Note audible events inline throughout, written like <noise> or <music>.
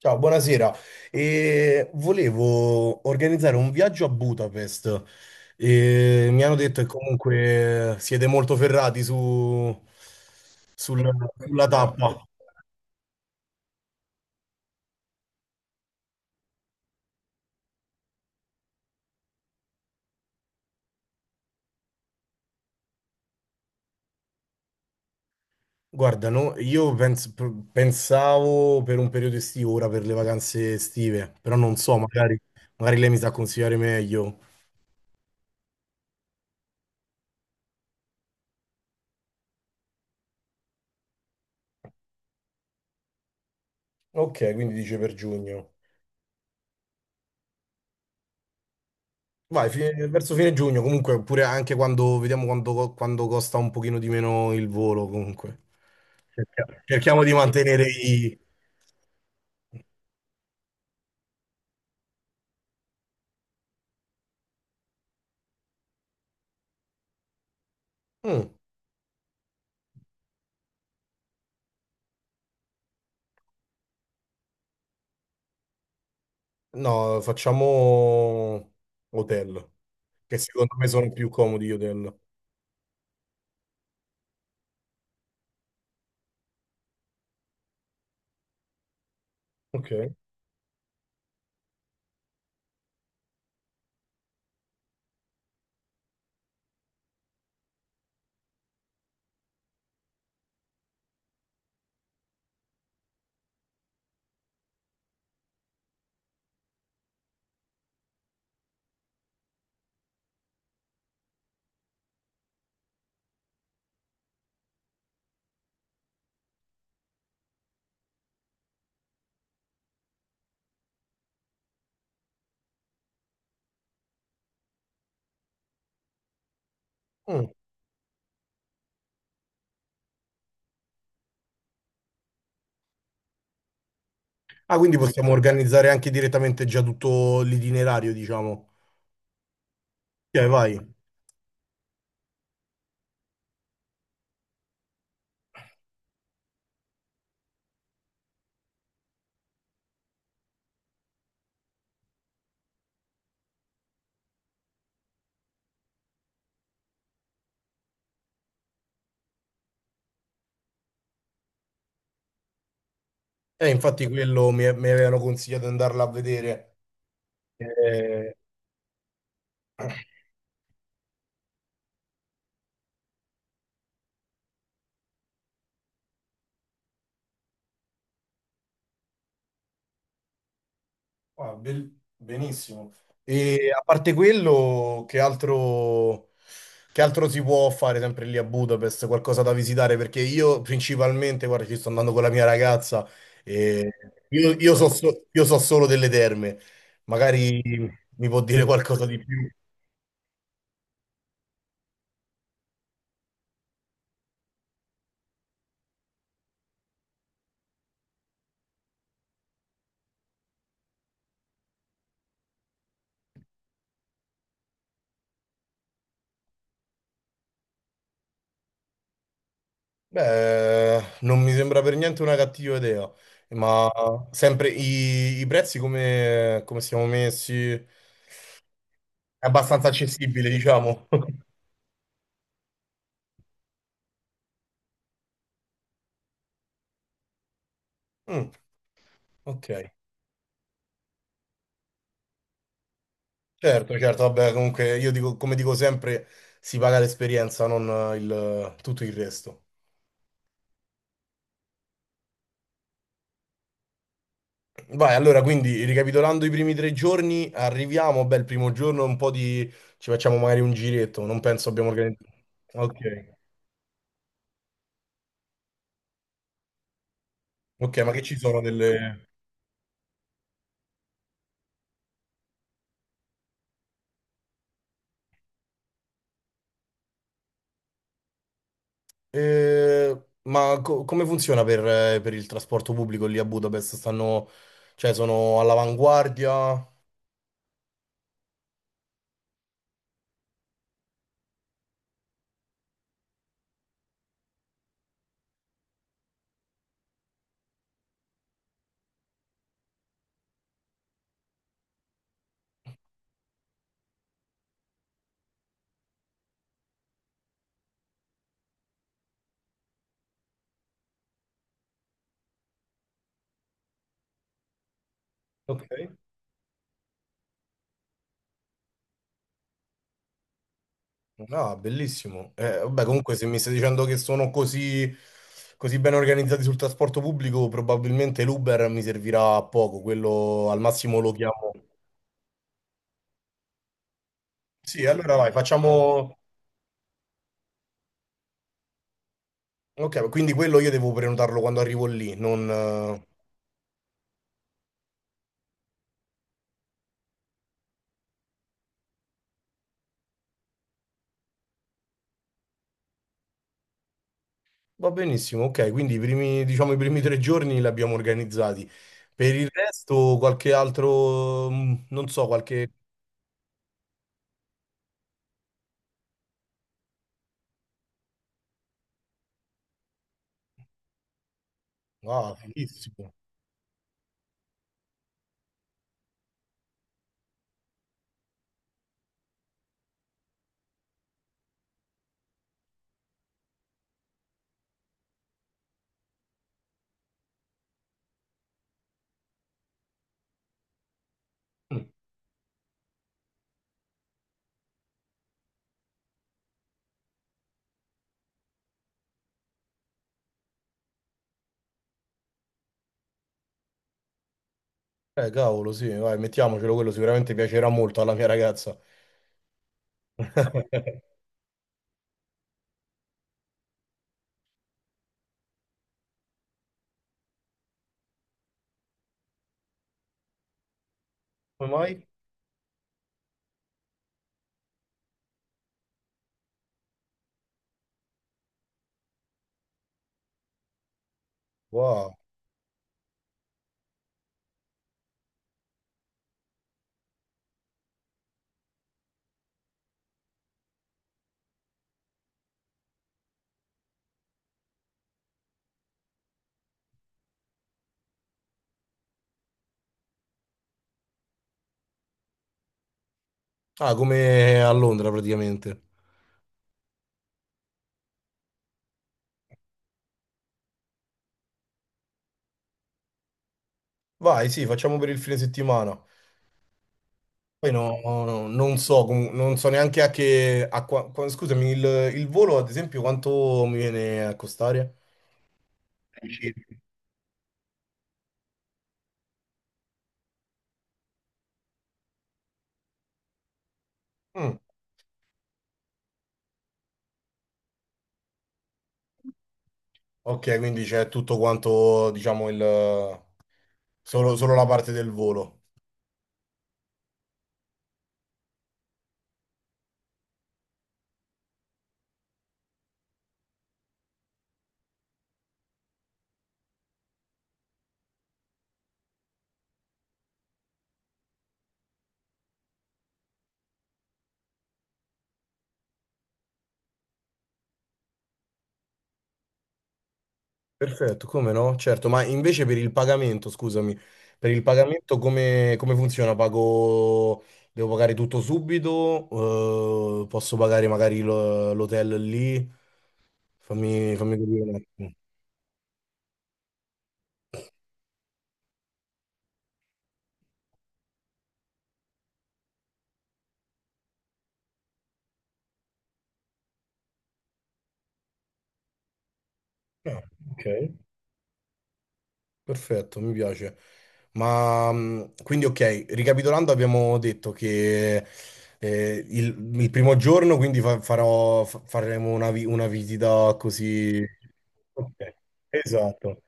Ciao, buonasera. Volevo organizzare un viaggio a Budapest. E mi hanno detto che comunque siete molto ferrati su, sul- sulla tappa. Guarda, no, io pensavo per un periodo estivo, ora per le vacanze estive, però non so, magari lei mi sa consigliare meglio. Ok, quindi dice per giugno. Vai, verso fine giugno, comunque, oppure anche quando vediamo quando costa un pochino di meno il volo, comunque. Cerchiamo di mantenere i... Mm, no, facciamo hotel, che secondo me sono più comodi gli hotel. Ok. Mm. Ah, quindi possiamo organizzare anche direttamente già tutto l'itinerario, diciamo. Ok, vai. Infatti quello mi avevano consigliato di andarla a vedere. Eh, ah, benissimo. E a parte quello, che altro si può fare sempre lì a Budapest? Qualcosa da visitare? Perché io principalmente, guarda, ci sto andando con la mia ragazza e io so solo delle terme. Magari mi può dire qualcosa di più. Beh, non mi sembra per niente una cattiva idea, ma sempre i prezzi come siamo messi? È abbastanza accessibile, diciamo. <laughs> Mm, ok. Certo, certo, vabbè, comunque io dico, come dico sempre, si paga l'esperienza, non tutto il resto. Vai, allora, quindi ricapitolando i primi tre giorni, arriviamo, beh, il primo giorno un po' di... ci facciamo magari un giretto, non penso abbiamo organizzato... Ok, ok, ma che ci sono delle... Ma come funziona per il trasporto pubblico lì a Budapest? Stanno... cioè sono all'avanguardia? Ok. No, bellissimo. Vabbè, comunque se mi stai dicendo che sono così ben organizzati sul trasporto pubblico, probabilmente l'Uber mi servirà a poco, quello al massimo lo chiamo. Sì, allora vai, facciamo... Ok, quindi quello io devo prenotarlo quando arrivo lì, non... va benissimo. Ok, quindi i primi, diciamo, i primi tre giorni li abbiamo organizzati. Per il resto qualche altro, mm, non so, qualche... Ah, fighissimo. Mm. Cavolo, sì, vai, mettiamocelo, quello sicuramente piacerà molto alla mia ragazza. Come mai? Wow. Ah, come a Londra praticamente. Vai, sì, facciamo per il fine settimana. Poi no, no, non so, non so neanche a che... scusami, il volo, ad esempio, quanto mi viene a costare? Mm, ok, quindi c'è tutto quanto, diciamo, il... Solo, solo la parte del volo. Perfetto, come no? Certo, ma invece per il pagamento, scusami, per il Mhm. pagamento come funziona? Pago, devo pagare tutto subito? Posso pagare magari l'hotel lì? Fammi capire un attimo. Ah, ok, perfetto, mi piace. Quindi ok, ricapitolando abbiamo detto che il primo giorno quindi faremo una visita così... Ok, esatto.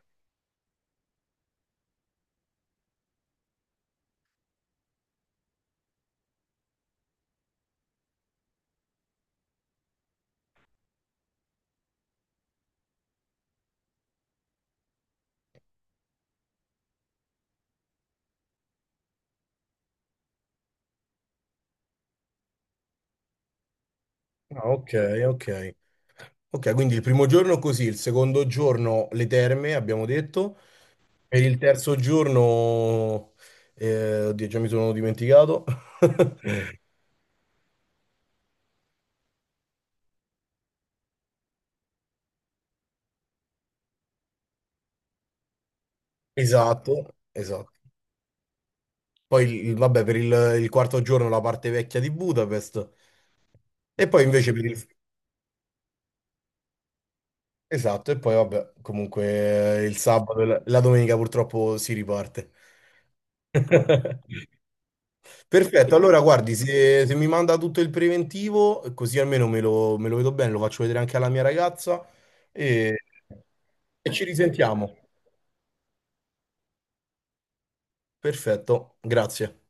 Ah, ok, ok. Ok, quindi il primo giorno così, il secondo giorno le terme, abbiamo detto, per il terzo giorno, oddio, già mi sono dimenticato. <laughs> Esatto, esatto. Poi, vabbè, per il quarto giorno la parte vecchia di Budapest e poi invece per il... Esatto, e poi vabbè, comunque il sabato e la domenica purtroppo si riparte. <laughs> Perfetto, allora guardi, se mi manda tutto il preventivo, così almeno me lo vedo bene, lo faccio vedere anche alla mia ragazza e e ci risentiamo. Perfetto, grazie.